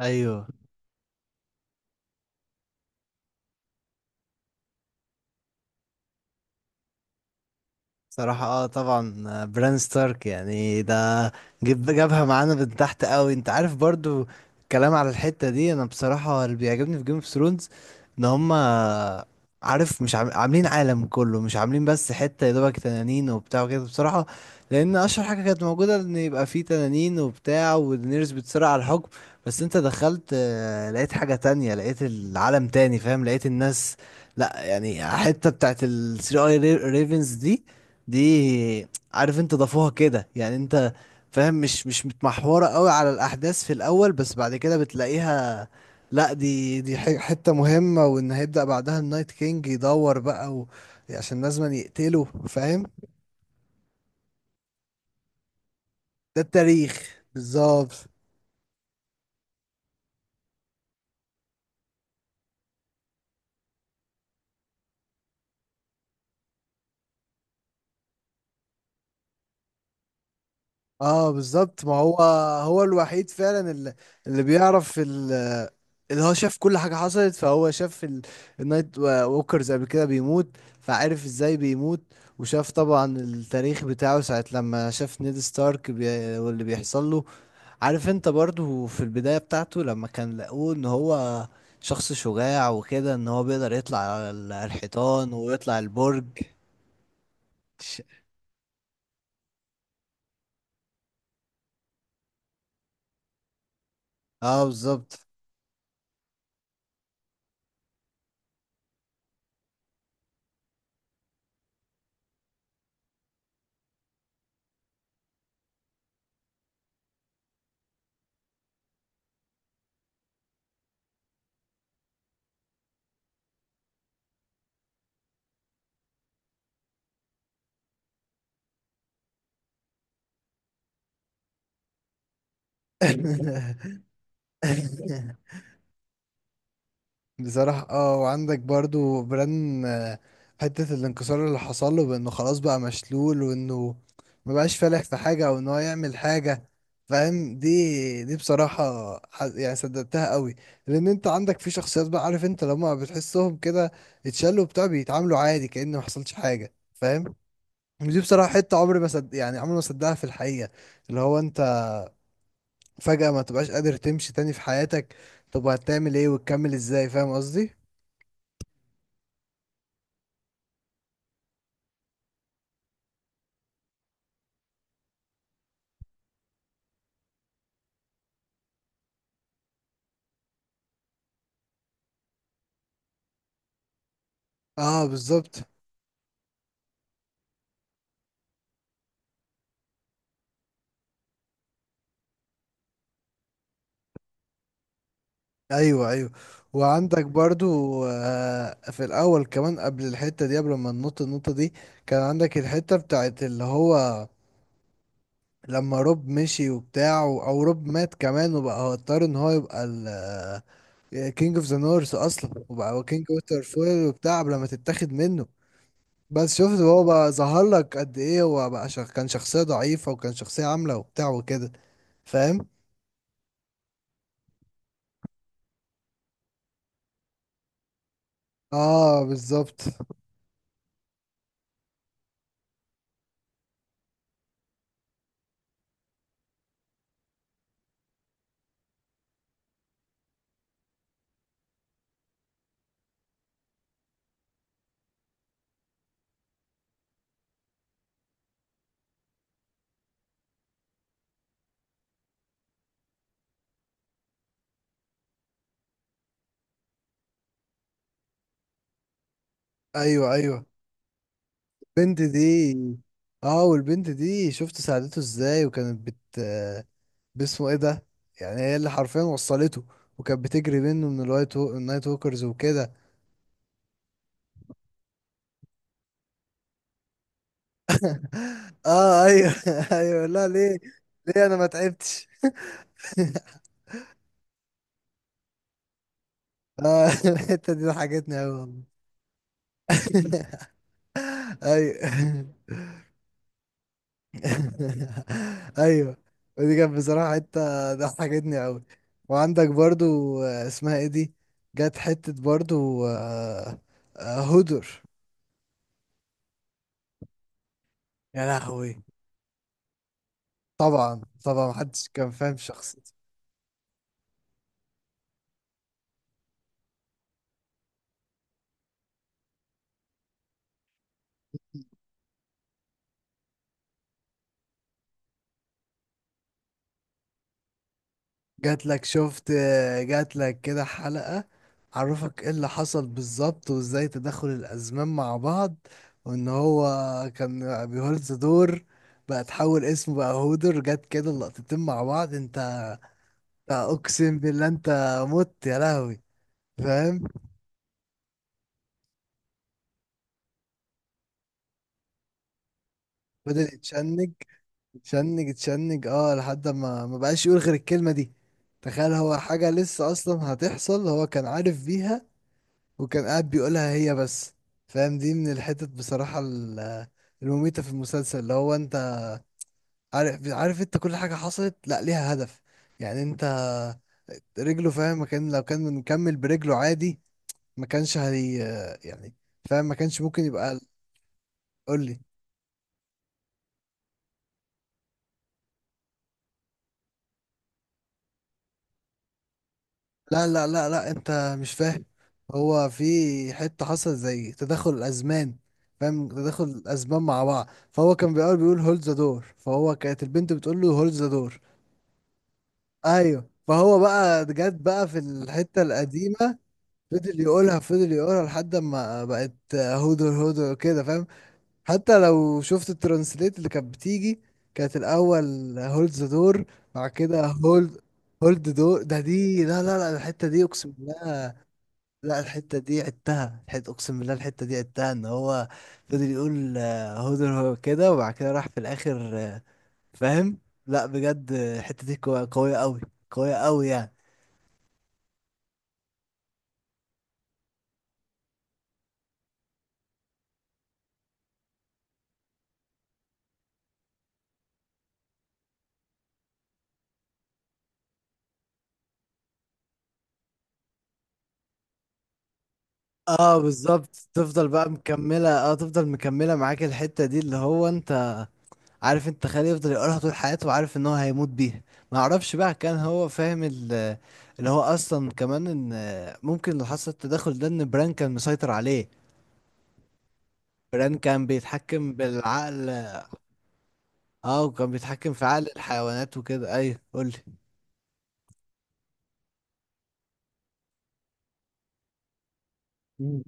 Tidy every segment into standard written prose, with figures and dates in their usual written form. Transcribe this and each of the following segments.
ايوه، صراحة اه طبعا بران ستارك يعني ده. جابها معانا من تحت قوي، انت عارف برضو. الكلام على الحتة دي، انا بصراحة اللي بيعجبني في جيم اوف ثرونز ان هما عارف مش عام- عاملين عالم كله، مش عاملين بس حتة يا دوبك تنانين وبتاع وكده، بصراحة. لان اشهر حاجة كانت موجودة ان يبقى فيه تنانين وبتاع ودينيرز بتصارع على الحكم. بس انت دخلت لقيت حاجة تانية، لقيت العالم تاني، فاهم، لقيت الناس. لا يعني حتة بتاعت ال 3 اي ريفنز دي، دي عارف انت ضافوها كده، يعني انت فاهم. مش متمحورة قوي على الأحداث في الأول، بس بعد كده بتلاقيها. لا دي حتة مهمة، وإن هيبدأ بعدها النايت كينج يدور بقى و... عشان لازم يقتله، فاهم. ده التاريخ بالظبط. اه بالظبط، ما هو هو الوحيد فعلا اللي بيعرف، اللي هو شاف كل حاجة حصلت، فهو شاف النايت ووكرز قبل كده بيموت، فعرف ازاي بيموت. وشاف طبعا التاريخ بتاعه ساعة لما شاف نيد ستارك واللي بيحصل له. عارف انت برضو في البداية بتاعته لما كان لقوه ان هو شخص شجاع وكده، ان هو بيقدر يطلع على على الحيطان ويطلع البرج. ش- اه بالظبط. بصراحة اه وعندك برضو بران حتة الانكسار اللي حصل له بانه خلاص بقى مشلول، وانه مبقاش فالح في حاجة او ان هو يعمل حاجة، فاهم. دي بصراحة يعني صدقتها قوي. لان انت عندك في شخصيات بقى، عارف انت لما بتحسهم كده اتشالوا بتاع بيتعاملوا عادي كأن ما حصلش حاجة، فاهم. ودي بصراحة حتة عمري ما صد... يعني عمري ما صدقها في الحقيقة، اللي هو انت فجأة ما تبقاش قادر تمشي تاني في حياتك، طب هتعمل ايه وتكمل ازاي، فاهم قصدي. اه بالظبط. ايوه، ايوه وعندك برضو آه في الاول كمان قبل الحته دي، قبل ما ننط النقطه دي، كان عندك الحته بتاعت اللي هو لما روب مشي وبتاع، او روب مات كمان، وبقى هو اضطر ان هو يبقى الكينج اوف ذا نورث اصلا، وبقى هو كينج ووتر فويل وبتاع قبل ما تتاخد منه. بس شفت هو بقى ظهر لك قد ايه، هو بقى كان شخصيه ضعيفه وكان شخصيه عامله وبتاع وكده، فاهم. اه بالظبط. ايوه، ايوه البنت دي. اه والبنت دي شفت ساعدته ازاي، وكانت باسمه ايه ده، يعني هي اللي حرفيا وصلته، وكانت بتجري منه من النايت ووكرز وكده. اه، ايوه. ايوه، لا ليه، ليه انا ما تعبتش. اه الحته دي ضحكتني اوي والله. ايوه. ايوه، ودي كانت بصراحه حته ضحكتني قوي. وعندك برضو اسمها ايه دي، جت حته برضو هدر. يا لهوي، طبعا طبعا محدش كان فاهم شخصيتي. جات لك شفت جات لك كده حلقه عرفك ايه اللي حصل بالظبط، وازاي تدخل الازمان مع بعض، وان هو كان بيهولز دور، بقى تحول اسمه بقى هودر، جت كده اللقطتين مع بعض، انت اقسم بالله، انت مت يا لهوي، فاهم. فضل يتشنج يتشنج يتشنج اه لحد ما ما بقاش يقول غير الكلمة دي. تخيل هو حاجة لسه اصلا هتحصل، هو كان عارف بيها، وكان قاعد بيقولها هي بس، فاهم. دي من الحتت بصراحة المميتة في المسلسل، اللي هو انت عارف انت كل حاجة حصلت لا ليها هدف، يعني انت رجله، فاهم، ما كان لو كان مكمل برجله عادي ما كانش هي يعني، فاهم، ما كانش ممكن يبقى. قول لي. لا لا لا لا، انت مش فاهم. هو في حتة حصل زي تدخل الأزمان، فاهم، تدخل الأزمان مع بعض، فهو كان بيقول هولد ذا دور، فهو كانت البنت بتقول له هولد ذا دور. ايوه، فهو بقى جت بقى في الحتة القديمة، فضل يقولها فضل يقولها لحد ما بقت هودر هودر كده، فاهم. حتى لو شفت الترانسليت اللي كانت بتيجي، كانت الأول هولد ذا دور، بعد كده هولد دور ده. دي لا لا لا، الحتة دي أقسم بالله. لا، الحتة دي عدتها، الحتة أقسم بالله، الحتة دي عدتها إن هو فضل يقول هدر، هو كده، وبعد كده راح في الآخر فاهم. لا بجد الحتة دي قوية قوية أوي، قوية أوي يعني. اه بالظبط، تفضل بقى مكملة، اه تفضل مكملة معاك الحتة دي، اللي هو انت عارف انت خالي يفضل يقولها طول حياته، وعارف ان هو هيموت بيها. ما اعرفش بقى كان هو فاهم اللي هو اصلا كمان ان ممكن اللي حصل التدخل ده، ان بران كان مسيطر عليه. بران كان بيتحكم بالعقل. اه وكان بيتحكم في عقل الحيوانات وكده، ايوه قول لي. مم.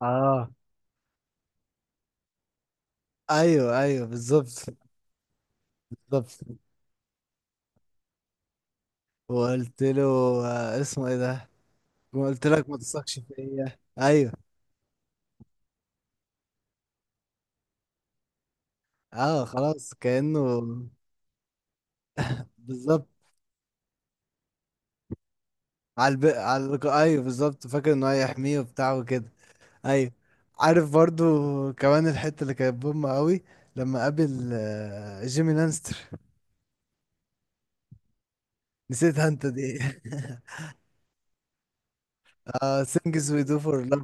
اه، ايوه، ايوه بالظبط. بالظبط وقلت له اسمه ايه ده، قلت لك ما تثقش فيا، ايوه. اه خلاص كأنه بالظبط ايوه بالظبط، فاكر انه هيحميه وبتاع وكده. ايوه، عارف برضو كمان الحتة اللي كانت بوم قوي لما قابل جيمي لانستر، نسيتها انت دي. اه، سينجز وي دو فور لاف.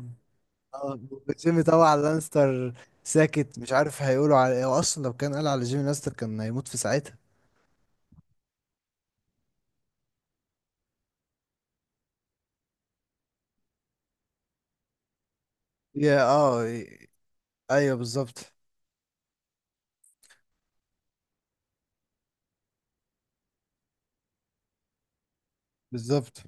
اه، جيمي طبعا لانستر ساكت مش عارف هيقولوا على ايه، هو اصلا لو كان قال على جيمي لانستر كان هيموت في ساعتها. يا اه ي- ايوه بالظبط، بالظبط.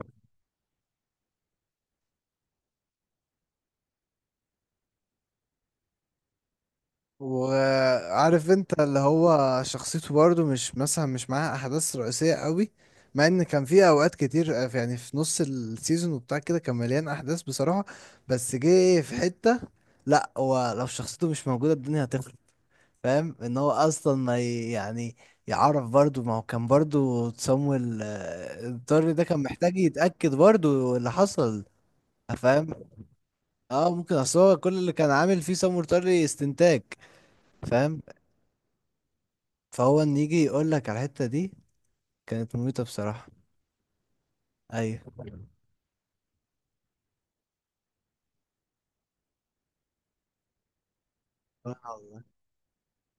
وعارف انت اللي هو شخصيته برضه مش مثلا مش معاها احداث رئيسيه قوي، مع ان كان في اوقات كتير يعني في نص السيزون وبتاع كده كان مليان احداث بصراحه، بس جه في حته. لا هو لو شخصيته مش موجوده الدنيا هتخرب، فاهم ان هو اصلا ما ي- يعني يعرف برضو، ما هو كان برضو تسامويل الضر ده كان محتاج يتأكد برضو اللي حصل، فاهم. اه ممكن اصل هو كل اللي كان عامل فيه سامويل طري استنتاج، فاهم، فهو ان يجي يقول لك على الحتة دي كانت مميتة بصراحة. ايوه والله.